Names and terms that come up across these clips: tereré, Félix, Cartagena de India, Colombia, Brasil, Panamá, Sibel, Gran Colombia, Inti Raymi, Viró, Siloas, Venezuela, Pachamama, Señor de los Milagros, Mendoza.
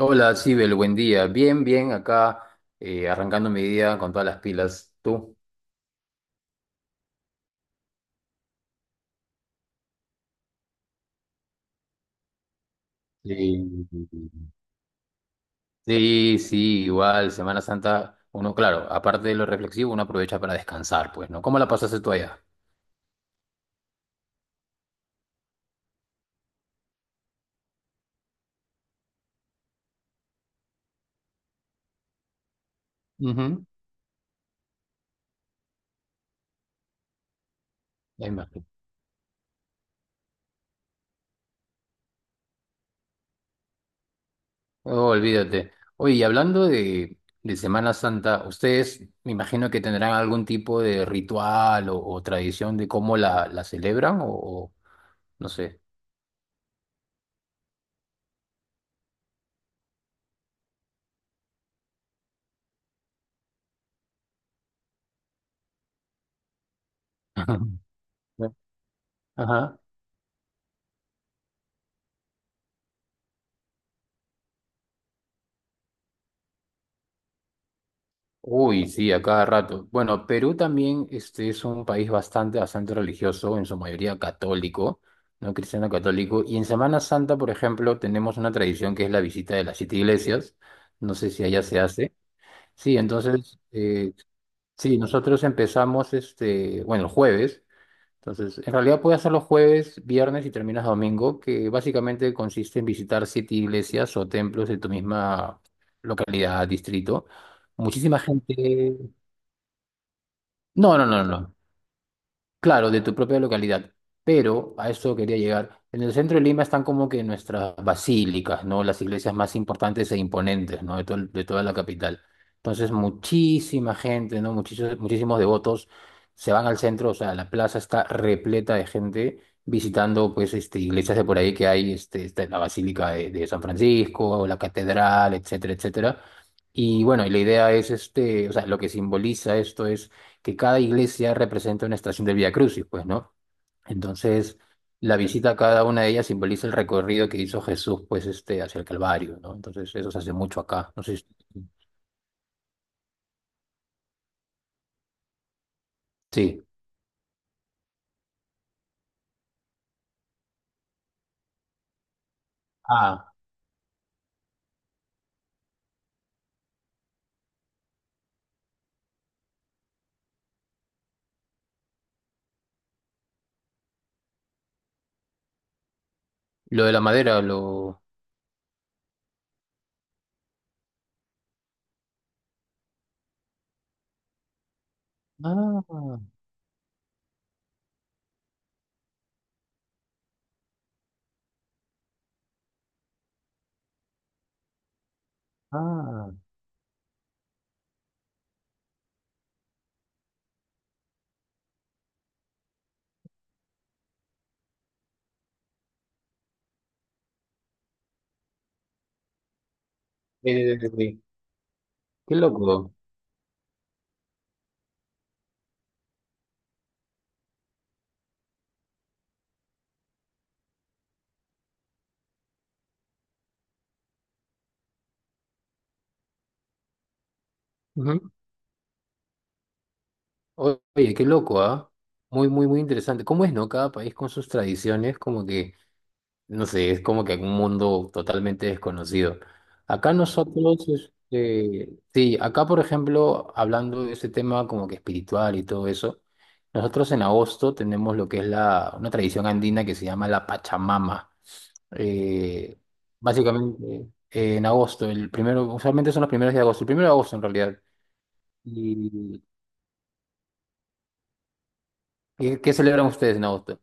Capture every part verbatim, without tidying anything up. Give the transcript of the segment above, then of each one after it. Hola, Sibel, buen día. Bien, bien, acá eh, arrancando mi día con todas las pilas. ¿Tú? Sí, sí, sí, igual, Semana Santa, uno, claro, aparte de lo reflexivo, uno aprovecha para descansar, pues, ¿no? ¿Cómo la pasaste tú allá? Ujú. Ya imagino. Oh, olvídate. Oye, y hablando de, de Semana Santa, ustedes me imagino que tendrán algún tipo de ritual o, o tradición de cómo la, la celebran o, o no sé. Ajá. Uy, sí, a cada rato. Bueno, Perú también este, es un país bastante, bastante religioso, en su mayoría católico, no cristiano católico. Y en Semana Santa, por ejemplo, tenemos una tradición que es la visita de las siete iglesias. No sé si allá se hace. Sí, entonces, eh, sí, nosotros empezamos, este, bueno, el jueves. Entonces, en realidad puedes hacer los jueves, viernes y terminas domingo, que básicamente consiste en visitar siete iglesias o templos de tu misma localidad, distrito. Muchísima gente. No, no, no, no. Claro, de tu propia localidad. Pero a eso quería llegar. En el centro de Lima están como que nuestras basílicas, ¿no? Las iglesias más importantes e imponentes, ¿no? De, todo el- de toda la capital. Entonces, muchísima gente, ¿no? Muchísimos, muchísimos devotos se van al centro, o sea, la plaza está repleta de gente visitando, pues, este, iglesias de por ahí que hay, este, está la Basílica de, de San Francisco, la Catedral, etcétera, etcétera. Y bueno, y la idea es, este, o sea, lo que simboliza esto que cada iglesia representa una estación del Vía Crucis, pues, ¿no? Entonces, la visita a cada una de ellas simboliza el recorrido que hizo Jesús, pues, este, hacia el Calvario, ¿no? Entonces, eso se hace mucho acá. No sé si... Sí. Ah, lo de la madera, lo... Ah, ah. Eh, qué loco. Ujú. Oye, qué loco, ¿ah? Muy, muy, muy interesante. ¿Cómo es, no? Cada país con sus tradiciones, como que no sé, es como que un mundo totalmente desconocido. Acá nosotros, este, sí, acá por ejemplo, hablando de ese tema como que espiritual y todo eso, nosotros en agosto tenemos lo que es la, una tradición andina que se llama la Pachamama. Eh, básicamente, eh, en agosto, el primero, usualmente son los primeros de agosto, el primero de agosto en realidad. ¿Y qué, qué celebran ustedes en agosto?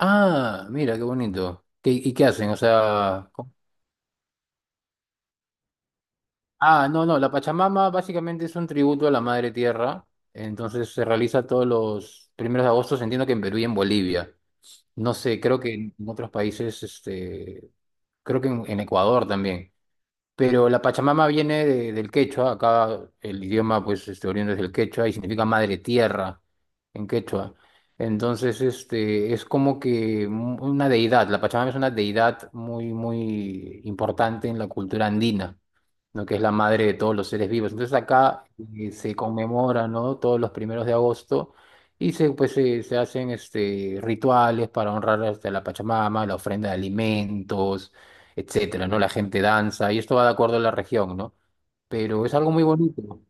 Ah, mira, qué bonito. ¿Qué- y qué hacen? O sea, Ah, no, no, la Pachamama básicamente es un tributo a la Madre Tierra, entonces se realiza todos los primeros de agosto, entiendo que en Perú y en Bolivia. No sé, creo que en otros países, este, creo que en, en Ecuador también. Pero la Pachamama viene de- del quechua, acá el idioma pues este, oriundo es del quechua y significa Madre Tierra en quechua. Entonces, este, es como que un- una deidad, la Pachamama es una deidad muy, muy importante en la cultura andina, ¿no? Que es la madre de todos los seres vivos. Entonces acá eh, se conmemora, ¿no? Todos los primeros de agosto y se, pues, se, se hacen este, rituales para honrar este, a la Pachamama, la ofrenda de alimentos, etcétera, ¿no? La gente danza y esto va de acuerdo a la región, ¿no? Pero es algo muy bonito.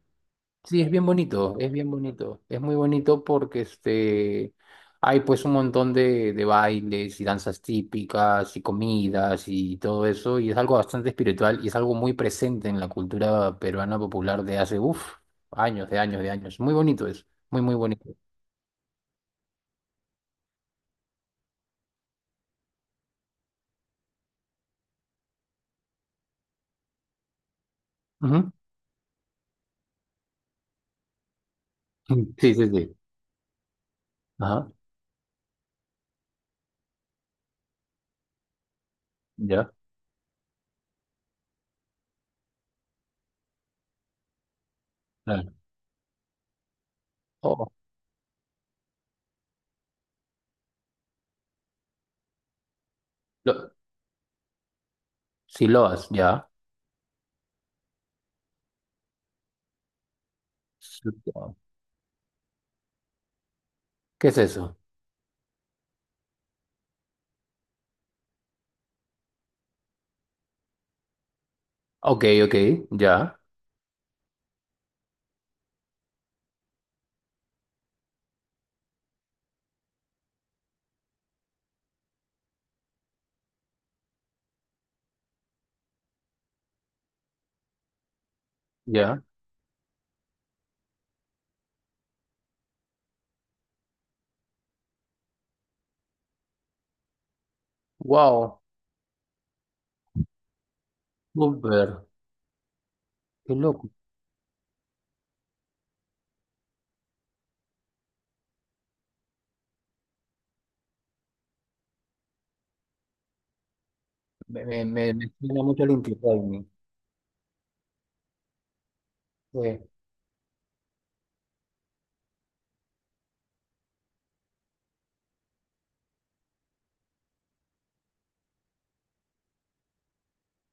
Sí, es bien bonito, es bien bonito. Es muy bonito porque este, hay pues un montón de, de bailes y danzas típicas y comidas y todo eso. Y es algo bastante espiritual y es algo muy presente en la cultura peruana popular de hace, uff, años, de años, de años. Muy bonito es, muy, muy bonito. Ujú. Mm, sí, sí, sí. Ajá, ya. Claro. Oh, lo, Siloas, ya. Siloa. ¿Qué es eso? Ok, ok, ya, ya. Wow, súper, qué loco. Me, me, me, me suena mucho el Inti Raymi. Sí.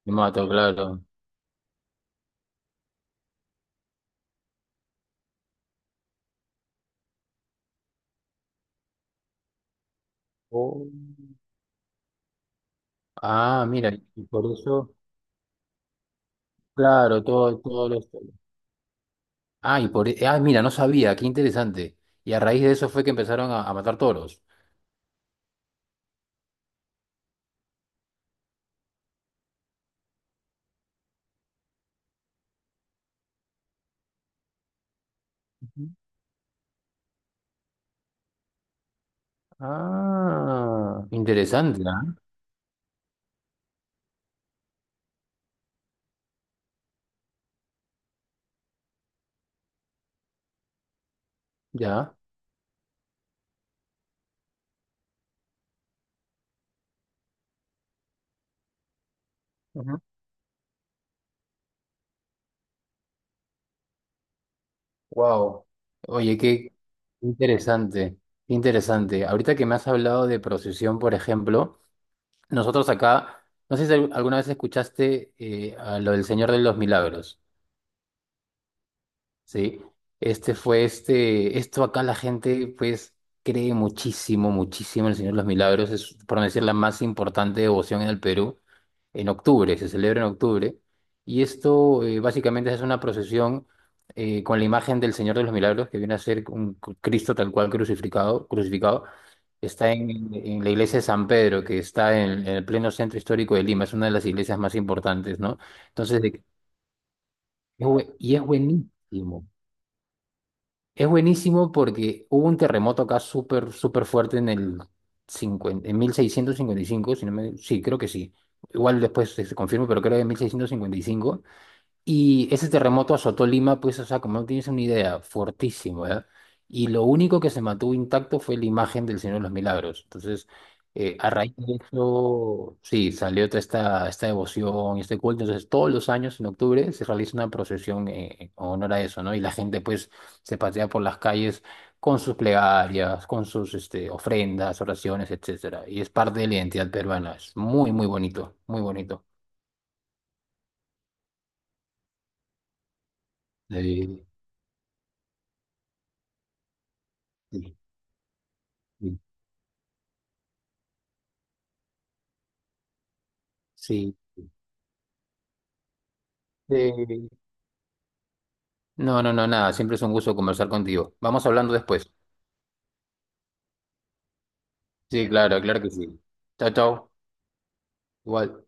Me mato, claro. Oh. Ah, mira, y por eso, claro, todo, todos los. Ah, y por, e, ah, mira, no sabía, qué interesante. Y a raíz de eso fue que empezaron a, a matar toros. Ujú. Ah, interesante, ¿ah? Ya. Wow. Oye, qué interesante, qué interesante. Ahorita que me has hablado de procesión, por ejemplo. Nosotros acá, no sé si alguna vez escuchaste eh, a lo del Señor de los Milagros, ¿sí? Este fue este, esto acá la gente pues cree muchísimo, muchísimo en el Señor de los Milagros, es por no decir la más importante devoción en el Perú, en octubre, se celebra en octubre, y esto eh, básicamente es una procesión eh, con la imagen del Señor de los Milagros, que viene a ser un Cristo tal cual crucificado, crucificado. Está en, en la iglesia de San Pedro, que está en, en el pleno centro histórico de Lima. Es una de las iglesias más importantes, ¿no? Entonces, de- es bue- y es buenísimo. Es buenísimo porque hubo un terremoto acá súper, súper fuerte en el cincuenta en mil seiscientos cincuenta y cinco si no me, sí, creo que sí. Igual después se se confirma, pero creo que en mil seiscientos cincuenta y cinco y ese terremoto azotó Lima, pues, o sea, como no tienes una idea, fortísimo, ¿ya? Y lo único que se mantuvo intacto fue la imagen del Señor de los Milagros. Entonces, eh, a raíz de eso, sí, salió toda esta, esta devoción y este culto. Entonces, todos los años en octubre se realiza una procesión eh, en honor a eso, ¿no? Y la gente, pues, se pasea por las calles con sus plegarias, con sus este, ofrendas, oraciones, etcétera. Y es parte de la identidad peruana. Es muy, muy bonito, muy bonito. Eh, sí, sí. Sí, sí. No, no, no, nada. Siempre es un gusto conversar contigo. Vamos hablando después. Sí, claro, claro que sí. Chao, chao. Igual.